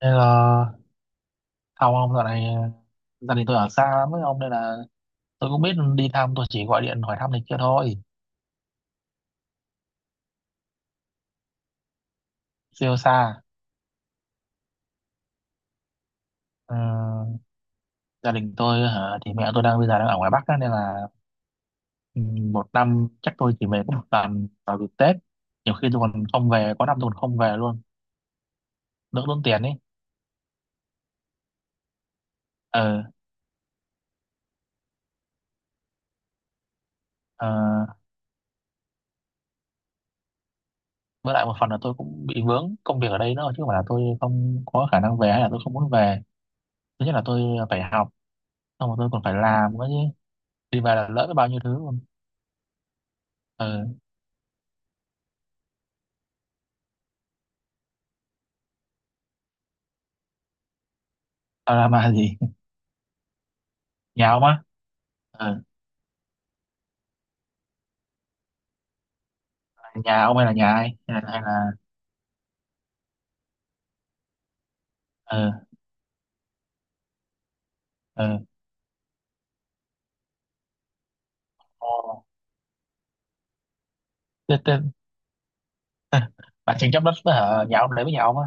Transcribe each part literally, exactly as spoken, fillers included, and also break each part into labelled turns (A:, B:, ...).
A: Nên là không ông, dạo này gia đình tôi ở xa lắm với ông nên là tôi cũng biết đi thăm, tôi chỉ gọi điện hỏi thăm này kia thôi. Siêu xa. Ờ, gia đình tôi hả, thì mẹ tôi đang bây giờ đang ở ngoài Bắc á, nên là ừ, một năm chắc tôi chỉ về có một lần vào dịp Tết. Nhiều khi tôi còn không về, có năm tôi còn không về luôn. Đỡ tốn tiền ấy. ờ ờ, với lại một phần là tôi cũng bị vướng công việc ở đây nữa, chứ không phải là tôi không có khả năng về hay là tôi không muốn về. Thứ nhất là tôi phải học, xong rồi tôi còn phải làm nữa chứ. Đi về là lỡ biết bao nhiêu thứ. Ờ, tao mà gì. Nhà ông á. ờ Nhà ông hay là nhà ai, hay là hay là ờ ờ Ồ thế, thế, bà tranh chấp đất với hả, nhà ông để với nhà ông á.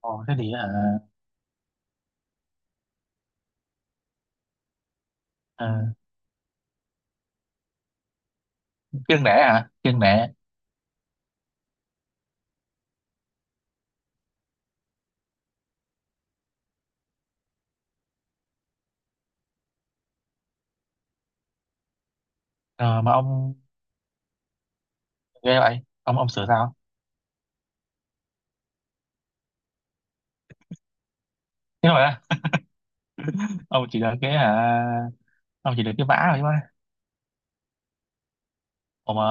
A: Ồ thế thì hả. ờ Kiêng nể hả, kiêng nể. ờ mà ông ghê vậy ông ông sửa sao? Thế rồi á? Ông chỉ được cái hả? Ông chỉ được cái vả thôi mà. Ồ mà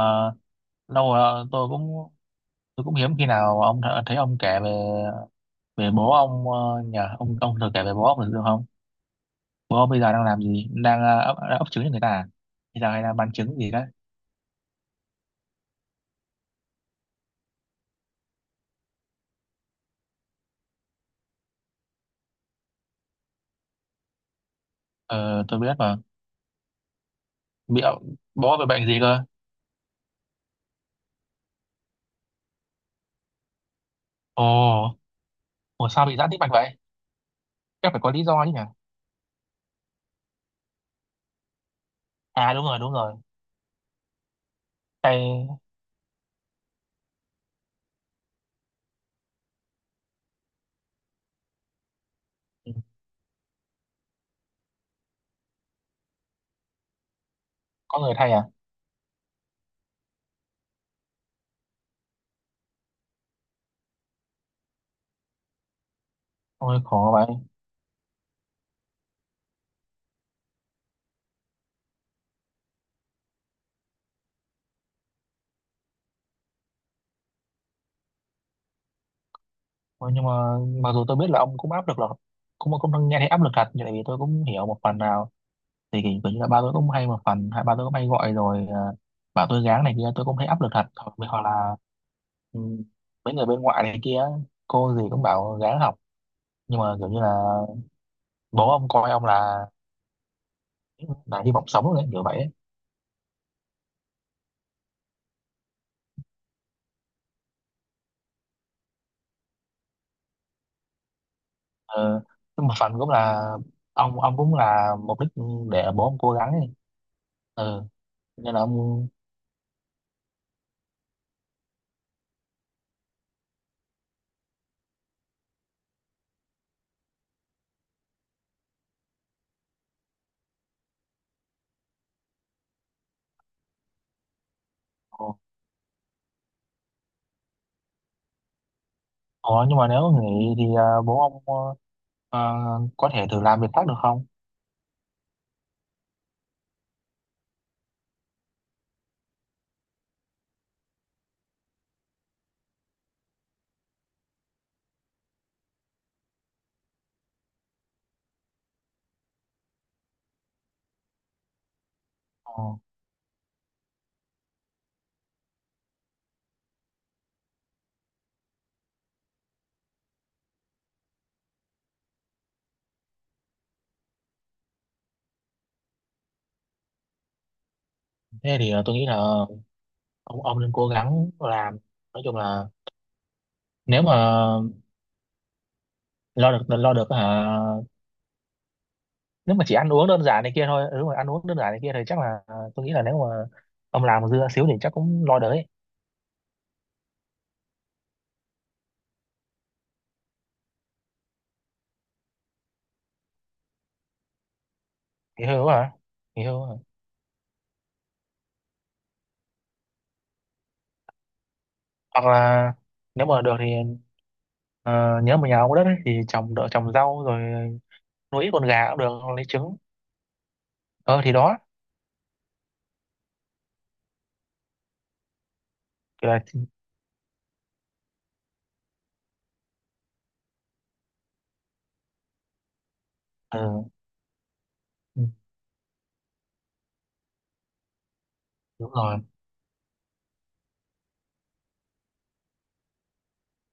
A: lâu rồi tôi cũng, tôi cũng hiếm khi nào ông th- thấy ông kể về về bố ông, ờ, nhờ ông ông thường kể về bố ông được không? Bố ông bây giờ đang làm gì? Đang ờ, ấp, đang ấp trứng cho người ta à? Bây giờ hay là bán trứng gì đấy? Ờ, tôi biết mà. Bị bố bị bệnh gì cơ? Ồ, ủa sao bị giãn tĩnh mạch vậy? Chắc phải có lý do chứ nhỉ? À đúng rồi, đúng rồi. Thay, có người thay à? Ôi khổ vậy. Ôi, nhưng mà mặc dù tôi biết là ông cũng áp lực, là cũng cũng nghe thấy áp lực thật nhưng tại vì tôi cũng hiểu một phần nào, thì kiểu kiểu như là ba tôi cũng hay, một phần hai ba tôi cũng hay gọi rồi, ờ, bảo tôi gắng này kia, tôi cũng thấy áp lực thật, hoặc hoặc là ừ, mấy người bên ngoại này kia, cô gì cũng bảo gắng học. Nhưng mà kiểu như là bố ông coi ông là là hy vọng sống đấy, kiểu vậy ấy. ờ, nhưng mà phần cũng là, ông ông cũng là mục đích để bố ông cố gắng ấy. ừ Nên là ông, ờ, nhưng mà nếu nghỉ thì, à, bố ông, ờ, ờ, có thể thử làm việc khác được không? Ờ, thế thì ờ, tôi nghĩ là ông ông nên cố gắng làm, nói chung là nếu mà lo được, lo được hả? Nếu mà chỉ ăn uống đơn giản này kia thôi, nếu mà ăn uống đơn giản này kia thì chắc là, ờ, tôi nghĩ là nếu mà ông làm dưa xíu thì chắc cũng lo đấy. Nghỉ hưu hả? Nghỉ hưu hả? Hoặc là nếu mà được thì, ờ, nhớ mà nhà ông có đất ấy, thì trồng, đỡ trồng rau rồi nuôi ít con gà cũng được, hoặc lấy trứng. ờ thì đó. Thì là ờ, ừ, đúng rồi,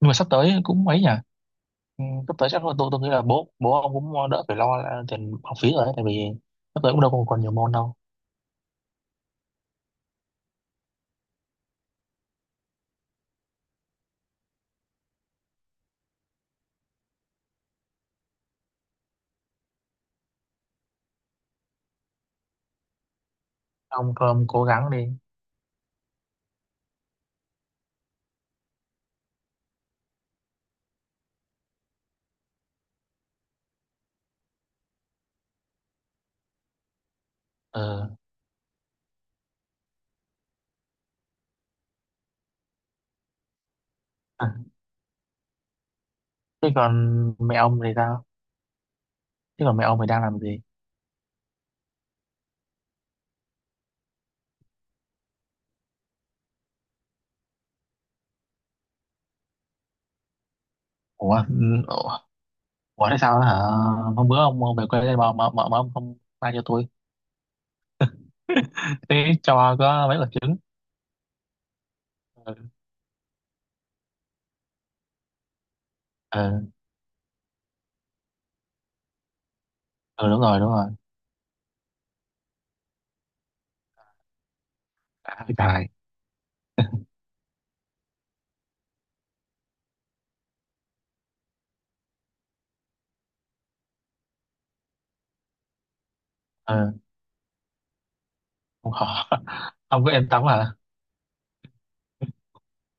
A: nhưng mà sắp tới cũng ấy nhỉ. Ừ, sắp tới chắc là, tôi tôi nghĩ là bố bố ông cũng đỡ phải lo là tiền học phí rồi đấy, tại vì sắp tới cũng đâu còn còn nhiều môn đâu. Ông cứ- ông cố gắng đi. ờ à. Thế còn mẹ ông thì sao? Chứ còn mẹ ông thì đang làm gì? Ủa, ừ, ủa, ủa, thế sao đó hả? Hôm bữa ông, ông về quê đây mà, mà, mà, mà ông không mang cho tôi. Tí cho có mấy quả trứng. Ừ, ừ, ừ đúng rồi, đúng rồi. À, trời, ừ, không, khó. Không có yên tâm hả?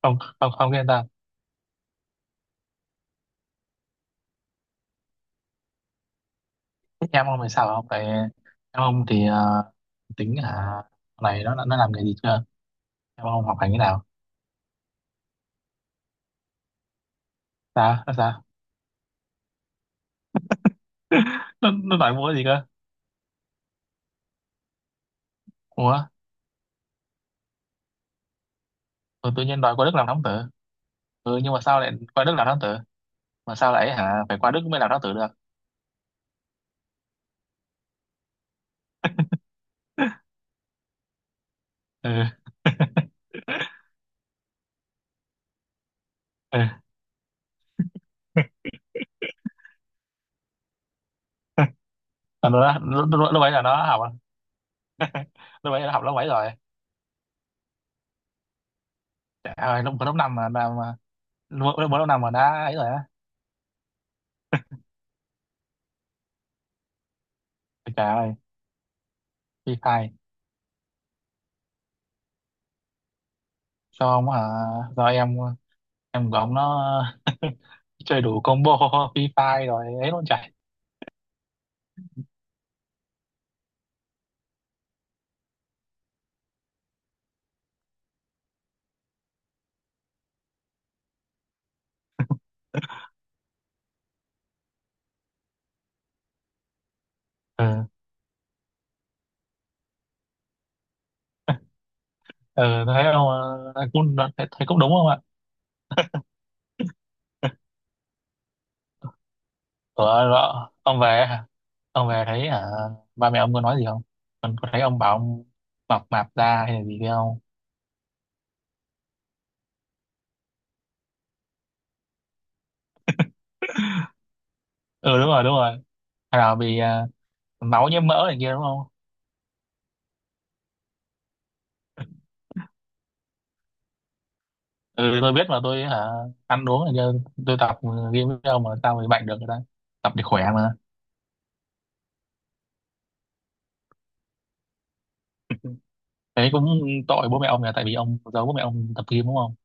A: Không, không, không có yên tâm. Thế em ông thì sao không? Tại em ông thì, ờ, tính hả? Này nó, nó làm nghề gì chưa? Em ông học hành thế nào? Sao? Nó sao? Nó, nó đòi mua cái gì cơ? Ủa, ừ, tự nhiên đòi qua Đức làm thám tử. Ừ, nhưng mà sao lại qua Đức làm thám tử? Mà sao lại hả, phải qua Đức mới làm lãng tử được. Ừ. Ừ. Còn nó, lúc, lúc, lúc ấy là nó học, lúc ấy nó học lớp mấy rồi? Trời ơi lúc lớp năm mà mà mà- lúc lúc lớp năm mà đã ấy rồi á. Trời ơi phi phai. Cho ông hả? Do em em của ông nó chơi đủ combo, phi phai rồi ấy luôn trời. Ừ. Ừ. Thấy không? Ờ, cũng thấy, thấy cũng đúng không ạ? Ủa, ông về hả? Ông về thấy hả? Ba mẹ ông có nói gì không? Còn có thấy ông bảo ông mập mạp ra hay là gì không? Ừ đúng rồi, đúng rồi. Hay là vì, à, máu nhiễm mỡ này kia đúng không? Ừ tôi biết mà, tôi hả? Ăn uống này kia. Tôi tập game với ông mà sao bị bệnh được người ta. Tập để khỏe mà. Thế cũng tội bố mẹ ông, là tại vì ông giấu bố mẹ ông tập game đúng không?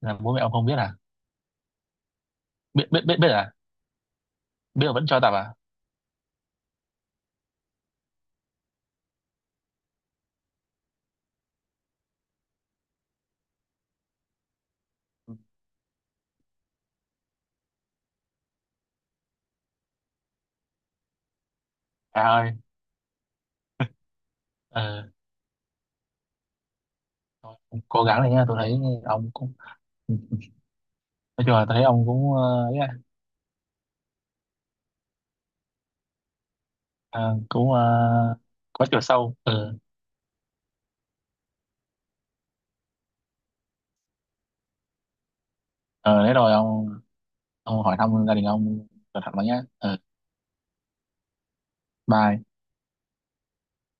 A: Là bố mẹ ông không biết à? Biết, biết, biết, biết à? Biết mà vẫn cho tập à? À ơi. ờ Thôi, cố gắng này nha, tôi thấy ông cũng, ừ. Nói chung là tôi thấy ông cũng, ờ, ấy à, ờ, cũng, ờ, có chiều sâu. Ừ. ờ Thế rồi ông ông hỏi thăm gia đình ông, cẩn thận vào nhá. ờ Bye.